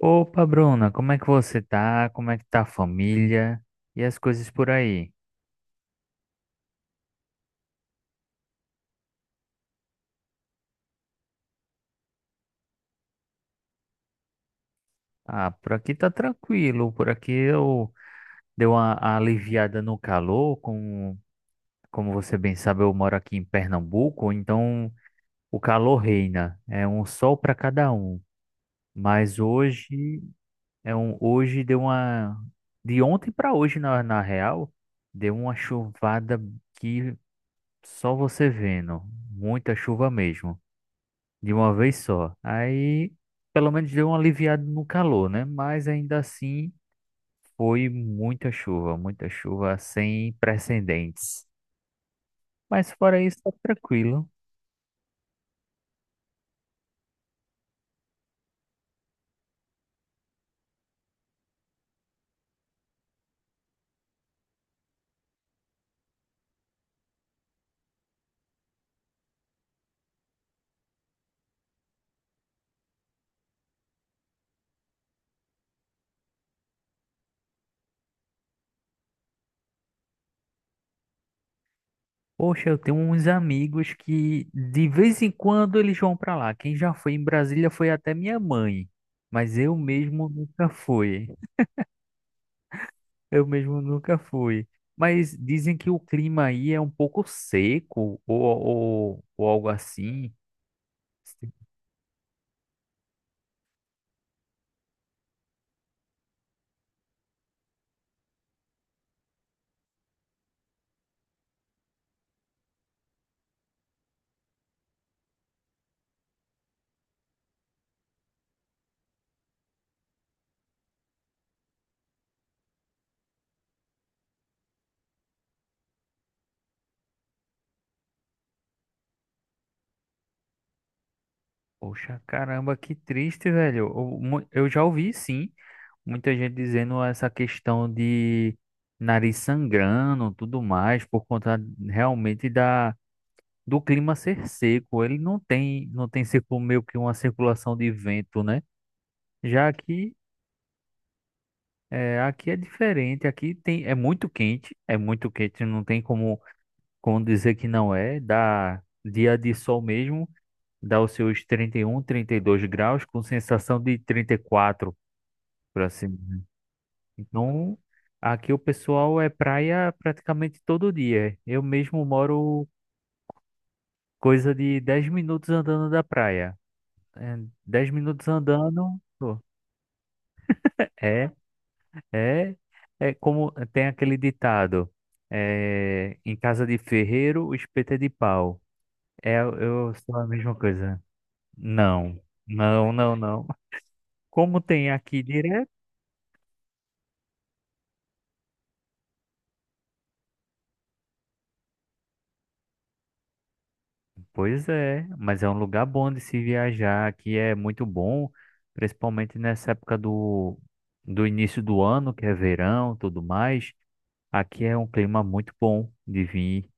Opa, Bruna, como é que você tá? Como é que tá a família? E as coisas por aí? Ah, por aqui tá tranquilo, por aqui eu dei uma aliviada no calor, como você bem sabe, eu moro aqui em Pernambuco, então o calor reina, é um sol para cada um. Mas hoje é um hoje deu uma de ontem para hoje na real, deu uma chuvada que só você vendo, muita chuva mesmo. De uma vez só. Aí, pelo menos deu um aliviado no calor, né? Mas ainda assim, foi muita chuva sem precedentes. Mas fora isso, tá tranquilo. Poxa, eu tenho uns amigos que de vez em quando eles vão pra lá. Quem já foi em Brasília foi até minha mãe, mas eu mesmo nunca fui. Eu mesmo nunca fui. Mas dizem que o clima aí é um pouco seco ou algo assim. Poxa, caramba, que triste, velho. Eu, eu já ouvi, sim, muita gente dizendo essa questão de nariz sangrando, tudo mais, por conta realmente da do clima ser seco. Ele não tem, meio que uma circulação de vento, né? Já aqui é diferente. Aqui tem, é muito quente, é muito quente. Não tem como, como dizer que não é. Dá dia de sol mesmo, dá os seus trinta e um, trinta e dois graus, com sensação de trinta e quatro, por assim dizer. Então, aqui o pessoal é praia praticamente todo dia. Eu mesmo moro coisa de 10 minutos andando da praia. É, 10 minutos andando, pô, é, é, é como é, tem aquele ditado, é, em casa de ferreiro, o espeto é de pau. É, eu sou a mesma coisa. Não, não, não, não. Como tem aqui direto. Pois é, mas é um lugar bom de se viajar, aqui é muito bom, principalmente nessa época do início do ano, que é verão, tudo mais. Aqui é um clima muito bom de vir.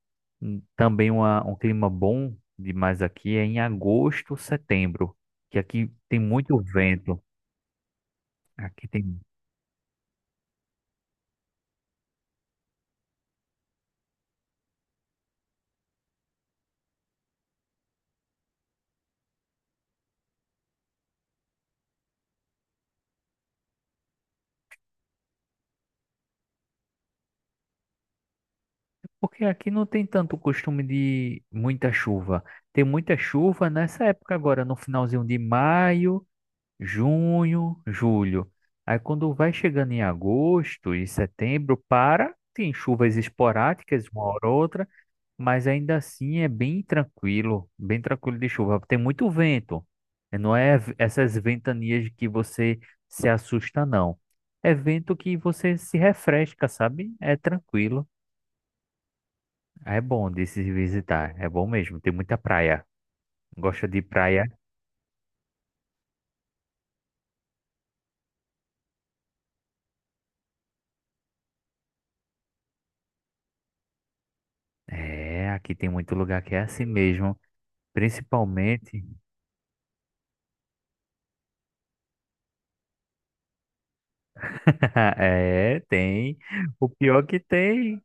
Também um clima bom demais aqui é em agosto, setembro, que aqui tem muito vento. Aqui tem, porque aqui não tem tanto costume de muita chuva. Tem muita chuva nessa época agora, no finalzinho de maio, junho, julho. Aí quando vai chegando em agosto e setembro, para, tem chuvas esporádicas, uma hora ou outra, mas ainda assim é bem tranquilo de chuva. Tem muito vento. Não é v- Essas ventanias que você se assusta, não. É vento que você se refresca, sabe? É tranquilo. É bom de se visitar. É bom mesmo. Tem muita praia. Gosta de praia? É, aqui tem muito lugar que é assim mesmo. Principalmente. É, tem. O pior é que tem,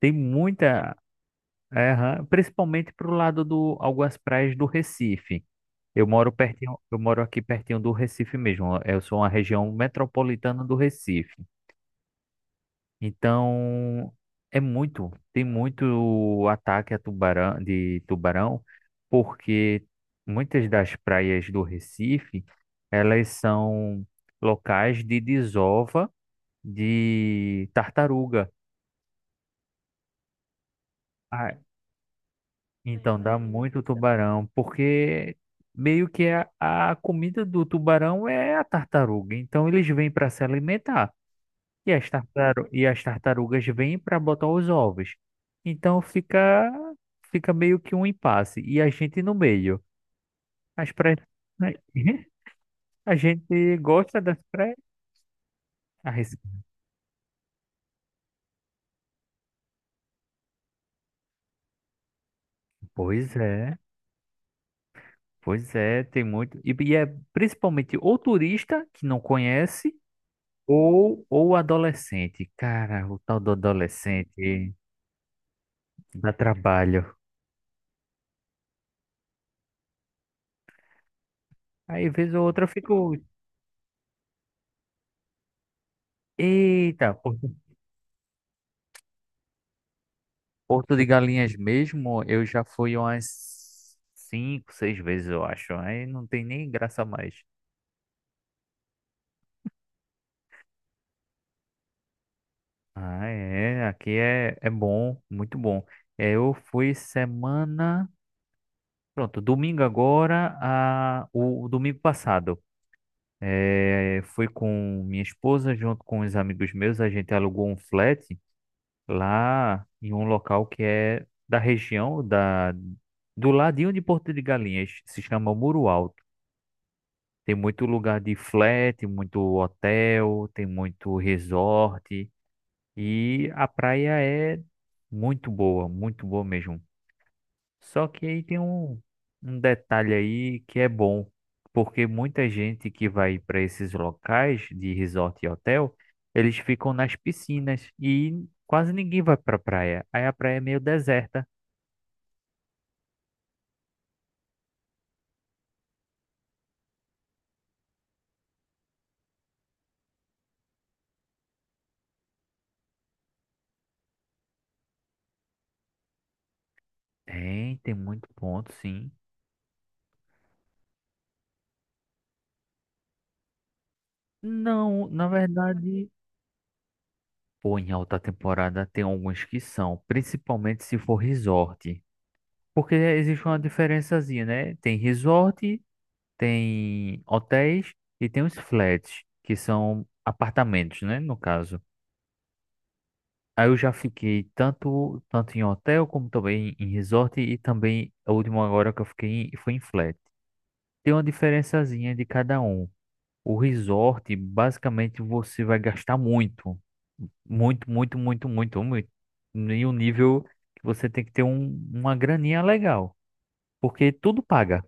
tem muita, é, aham, principalmente pro lado do algumas praias do Recife. Eu moro pertinho, eu moro aqui pertinho do Recife mesmo. Eu sou uma região metropolitana do Recife. Então, é muito, tem muito ataque a tubarão, de tubarão, porque muitas das praias do Recife, elas são locais de desova de tartaruga. Ah, então dá muito tubarão, porque meio que é a comida do tubarão é a tartaruga. Então eles vêm para se alimentar e as tartarugas vêm para botar os ovos. Então fica meio que um impasse e a gente no meio. As pré a gente gosta das pré as- Pois é, pois é, tem muito e é principalmente o turista que não conhece. Ou adolescente. Cara, o tal do adolescente dá trabalho. Aí, vez ou outra, eu fico. Eita, Porto, Porto de Galinhas mesmo, eu já fui umas cinco, seis vezes, eu acho. Aí não tem nem graça mais. Ah, é. Aqui é, é bom, muito bom. É, eu fui semana. Pronto, domingo agora, o domingo passado. É, fui com minha esposa, junto com os amigos meus, a gente alugou um flat lá em um local que é da região da do ladinho de Porto de Galinhas, se chama Muro Alto. Tem muito lugar de flat, muito hotel, tem muito resort e a praia é muito boa mesmo. Só que aí tem um detalhe aí que é bom, porque muita gente que vai para esses locais de resort e hotel, eles ficam nas piscinas e quase ninguém vai para praia. Aí a praia é meio deserta. Tem, tem muito ponto, sim. Não, na verdade, pô, em alta temporada tem alguns que são, principalmente se for resort. Porque existe uma diferençazinha, né? Tem resort, tem hotéis e tem os flats, que são apartamentos, né, no caso. Aí eu já fiquei tanto, tanto em hotel como também em resort e também a última agora que foi em flat. Tem uma diferençazinha de cada um. O resort, basicamente, você vai gastar muito. Muito. E um nível que você tem que ter uma graninha legal. Porque tudo paga.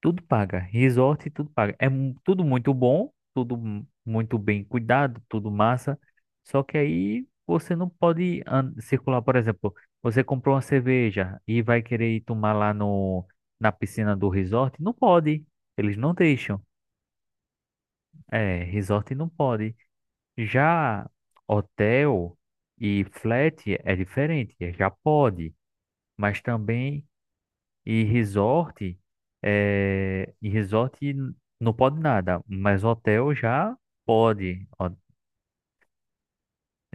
Tudo paga. Resort, tudo paga. Tudo muito bom, muito bem cuidado, tudo massa. Só que aí você não pode circular, por exemplo, você comprou uma cerveja e vai querer ir tomar lá no, na piscina do resort, não pode. Eles não deixam. É, resort não pode. Já hotel e flat é diferente, é, já pode, mas também e resort, e resort não pode nada, mas hotel já pode, ó,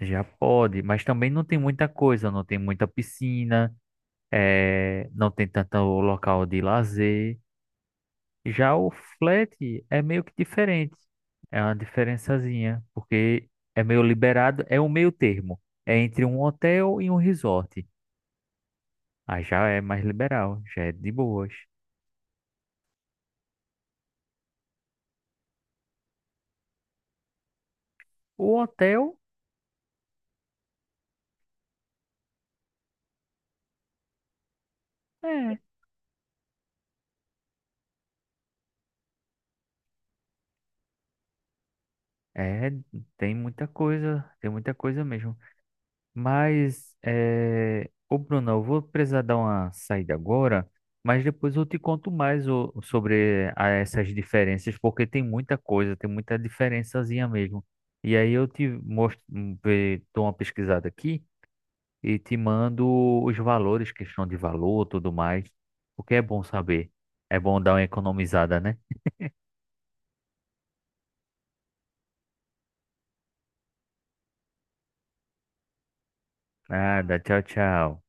já pode, mas também não tem muita coisa, não tem muita piscina, é, não tem tanto local de lazer. Já o flat é meio que diferente, é uma diferençazinha, porque é meio liberado, é o meio termo, é entre um hotel e um resort. Aí já é mais liberal, já é de boas. O hotel. É, é, tem muita coisa mesmo. Mas, é, ô Bruno, eu vou precisar dar uma saída agora, mas depois eu te conto mais ô, sobre essas diferenças, porque tem muita coisa, tem muita diferençazinha mesmo. E aí eu te mostro, dou uma pesquisada aqui e te mando os valores, questão de valor, tudo mais, porque é bom saber. É bom dar uma economizada, né? Nada, tchau, tchau.